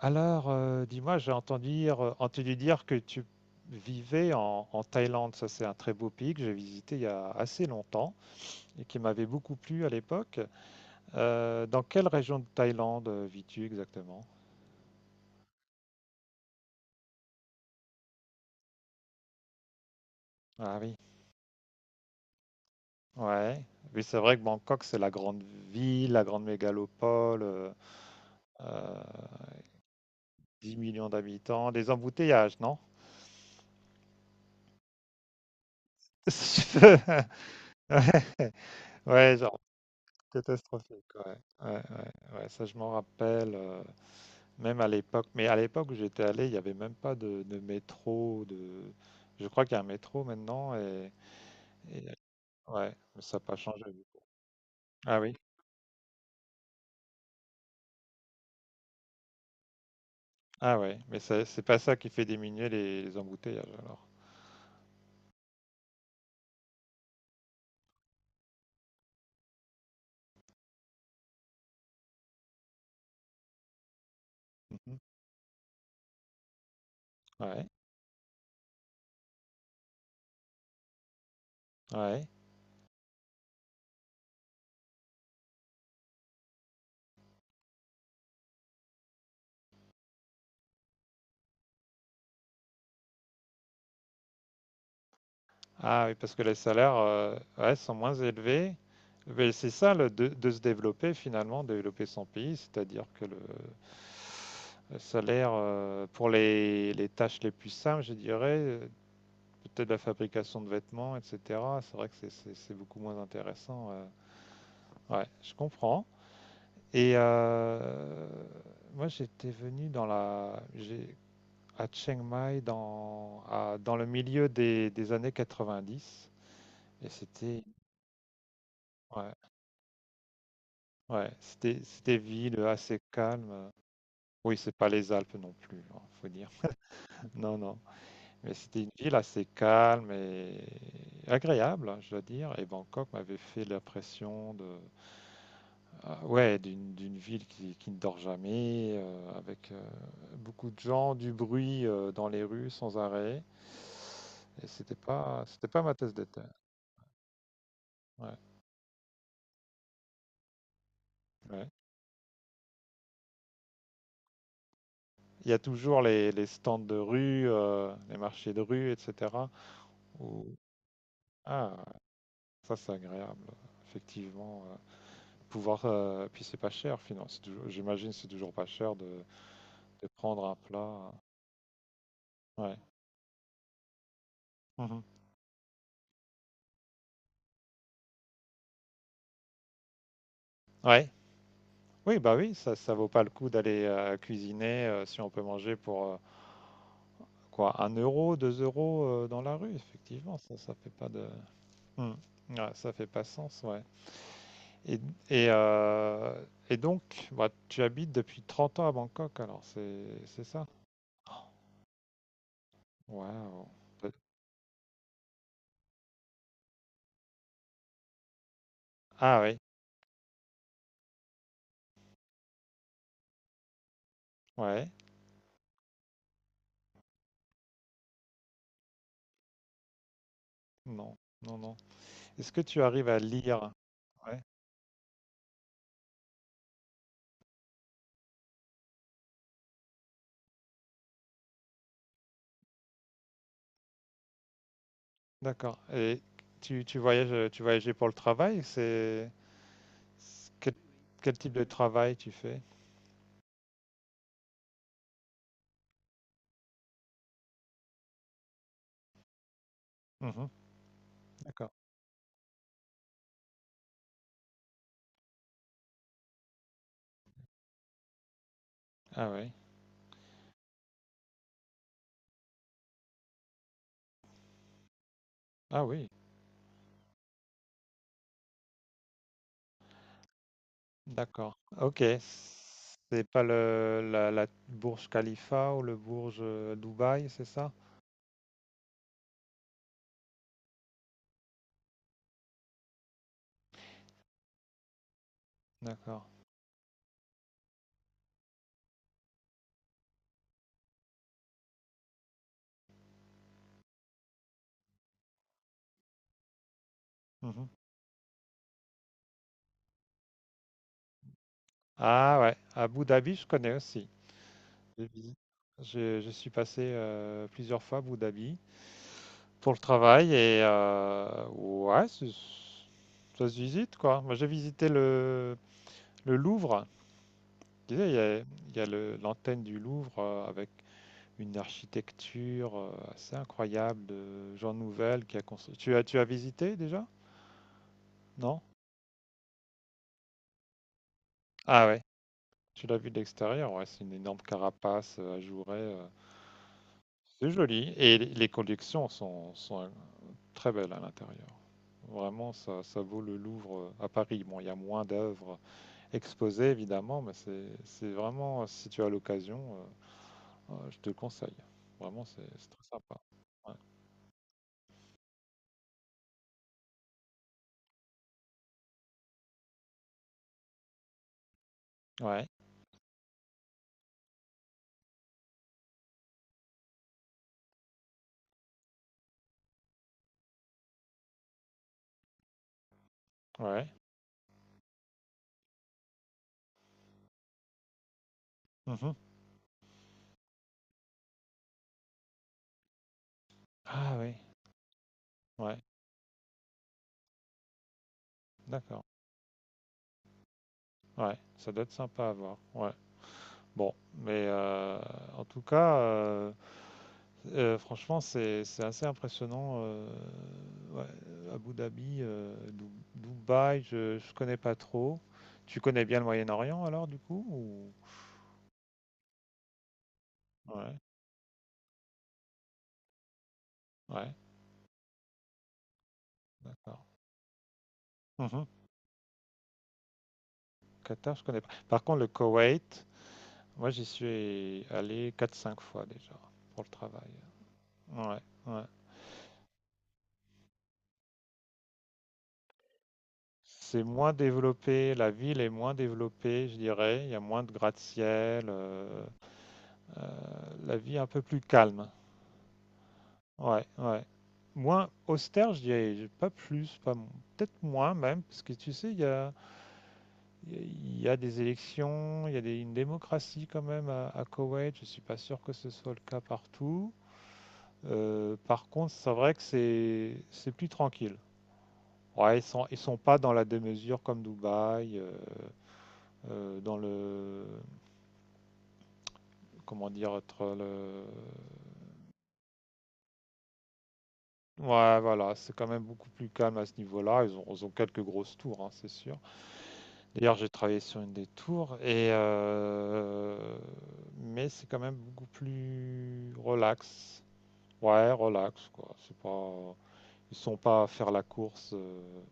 Dis-moi, j'ai entendu dire que tu vivais en Thaïlande. Ça, c'est un très beau pays que j'ai visité il y a assez longtemps et qui m'avait beaucoup plu à l'époque. Dans quelle région de Thaïlande vis-tu exactement? Ah oui, ouais. Oui, c'est vrai que Bangkok, c'est la grande ville, la grande mégalopole, euh, 10 millions d'habitants, des embouteillages, non? Ouais, ouais, genre catastrophique. Ouais, ouais, ouais, ouais, ça je m'en rappelle. Même à l'époque, mais à l'époque où j'étais allé, il n'y avait même pas de métro, de... Je crois qu'il y a un métro maintenant et ouais, mais ça n'a pas changé. Ah oui, ah ouais, mais c'est pas ça qui fait diminuer les embouteillages alors. Mhm. Ouais, ouais. Ah oui, parce que les salaires, ouais, sont moins élevés. Mais c'est ça le, de se développer finalement, développer son pays, c'est-à-dire que le salaire pour les tâches les plus simples, je dirais, peut-être la fabrication de vêtements, etc. C'est vrai que c'est beaucoup moins intéressant. Ouais, je comprends. Et moi, j'étais venu dans à Chiang Mai dans le milieu des années 90. Et ouais, ouais, c'était, c'était ville assez calme. Oui, c'est pas les Alpes non plus, hein, faut dire. Non, non. Mais c'était une ville assez calme et agréable, hein, je dois dire. Et Bangkok m'avait fait l'impression de... Ah ouais, d'une ville qui ne dort jamais, avec beaucoup de gens, du bruit dans les rues sans arrêt. Et c'était pas ma tasse de thé. Ouais, ouais. Il y a toujours les stands de rue, les marchés de rue, etc. où- Ah, ça c'est agréable, effectivement. Puis c'est pas cher, finalement. J'imagine c'est toujours pas cher de prendre un plat. Ouais. Mhm. Ouais. Oui, bah oui, ça vaut pas le coup d'aller cuisiner si on peut manger pour quoi, 1 euro, deux euros dans la rue, effectivement, ça fait pas de... Hmm. Ouais, ça fait pas sens, ouais. Et, et, euh, et donc, bah, tu habites depuis 30 ans à Bangkok, alors c'est ça? Oh, waouh. Ah oui, ouais, non, non, non. Est-ce que tu arrives à lire? Ouais, d'accord. Et tu voyageais pour le travail, c'est quel, quel type de travail tu fais? D'accord. Ah oui. Ah oui, d'accord. Ok. C'est pas la Burj Khalifa ou le Burj Dubaï, c'est ça? D'accord. Mhm. Ah ouais, Abu Dhabi, je connais aussi. J'ai visi- je suis passé plusieurs fois à Abu Dhabi pour le travail et ouais, ça se visite quoi. Moi j'ai visité le Louvre. Tu sais, il y a l'antenne du Louvre avec une architecture assez incroyable de Jean Nouvel qui a construit. Tu as visité déjà? Non? Ah ouais, tu l'as vu de l'extérieur, ouais, c'est une énorme carapace, ajourée. C'est joli. Et les collections sont très belles à l'intérieur. Vraiment, ça vaut le Louvre à Paris. Bon, il y a moins d'œuvres exposées, évidemment, mais c'est vraiment, si tu as l'occasion, je te le conseille. Vraiment, c'est très sympa. Ouais, ouais. ouais. Mhm. Ah oui, ouais, d'accord. Ouais, ça doit être sympa à voir. Ouais. Bon, en tout cas, franchement, c'est assez impressionnant. Ouais, Abu Dhabi, Dubaï, je connais pas trop. Tu connais bien le Moyen-Orient alors du coup ou... Ouais, ouais, d'accord. Mhm. Qatar, je connais pas. Par contre, le Koweït, moi j'y suis allé 4 ou 5 fois déjà pour le travail. Ouais, ouais. C'est moins développé, la ville est moins développée, je dirais. Il y a moins de gratte-ciel, euh, la vie est un peu plus calme. Ouais, ouais. Moins austère, je dirais, pas plus, pas mo- peut-être moins même, parce que tu sais, il y a des élections, il y a une démocratie quand même à Koweït. Je suis pas sûr que ce soit le cas partout. Par contre, c'est vrai que c'est plus tranquille. Ouais, ils sont pas dans la démesure comme Dubaï. Euh, dans le, Comment dire, Ouais, voilà, c'est quand même beaucoup plus calme à ce niveau-là. Ils ont quelques grosses tours, hein, c'est sûr. D'ailleurs, j'ai travaillé sur une des tours, et mais c'est quand même beaucoup plus relax. Ouais, relax, quoi. C'est pas... Ils sont pas à faire la course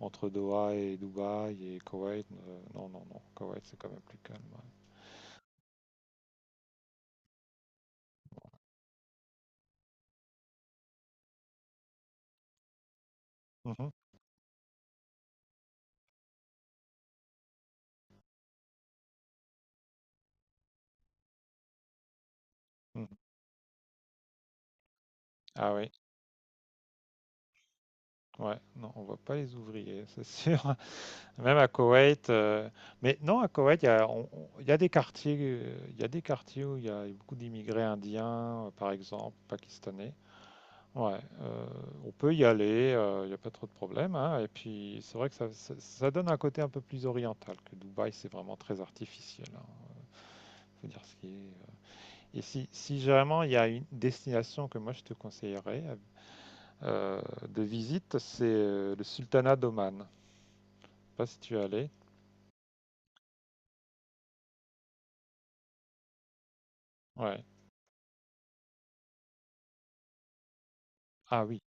entre Doha et Dubaï et Koweït. Non, non, non. Koweït, c'est quand même plus calme. Ouais. Mhm, mhm. Ah oui, ouais, non, on voit pas les ouvriers, c'est sûr. Même à Koweït, mais non, à Koweït, il y a des quartiers, il y a des quartiers où il y a beaucoup d'immigrés indiens, par exemple, pakistanais. Ouais, on peut y aller, il n'y a pas trop de problèmes, hein, et puis, c'est vrai que ça ça donne un côté un peu plus oriental que Dubaï, c'est vraiment très artificiel, hein. Faut dire ce qui est. Et si, si vraiment il y a une destination que moi je te conseillerais euh, de visite, c'est le Sultanat d'Oman. Je sais pas si tu es allé. Ouais. Ah oui,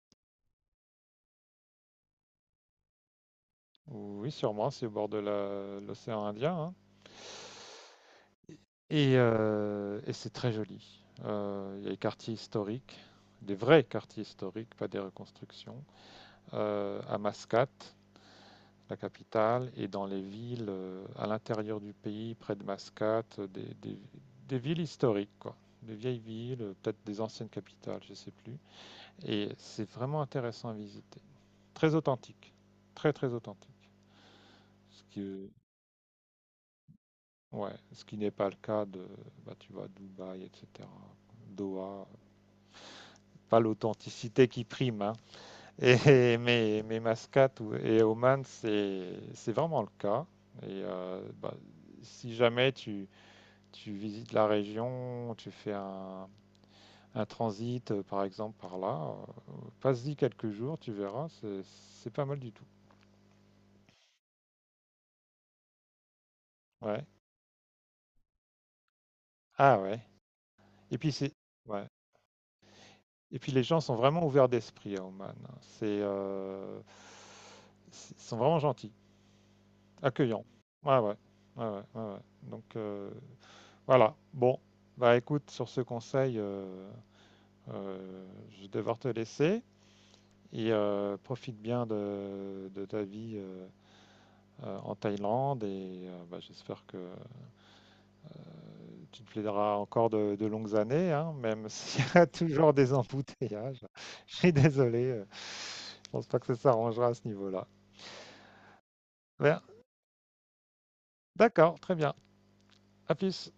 oui, sûrement, c'est au bord de l'océan Indien, hein. Et et c'est très joli. Il y a des quartiers historiques, des vrais quartiers historiques, pas des reconstructions, à Mascate, la capitale, et dans les villes à l'intérieur du pays, près de Mascate, des villes historiques, quoi. Des vieilles villes, peut-être des anciennes capitales, je sais plus. Et c'est vraiment intéressant à visiter. Très authentique. Très, très authentique. Ce que Ouais, ce qui n'est pas le cas de, bah, tu vois, Dubaï, etc. Doha, pas l'authenticité qui prime, hein. Et, mais Mascate et Oman, c'est vraiment le cas. Et si jamais tu visites la région, tu fais un transit, par exemple, par là, passe-y quelques jours, tu verras, c'est pas mal du tout. Ouais. Ah ouais. Et puis c'est... Ouais. Et puis les gens sont vraiment ouverts d'esprit à Oman, hein. C'est, ils sont vraiment gentils, accueillants. Ouais, ouais, ouais, ouais, ouais, ouais. Voilà. Bon, bah écoute, sur ce conseil, je vais devoir te laisser et profite bien de ta vie en Thaïlande et bah, j'espère que tu te plaideras encore de longues années, hein, même s'il y a toujours des embouteillages. Je suis désolé, je pense pas que ça s'arrangera à ce niveau-là. Ouais. D'accord, très bien. À plus.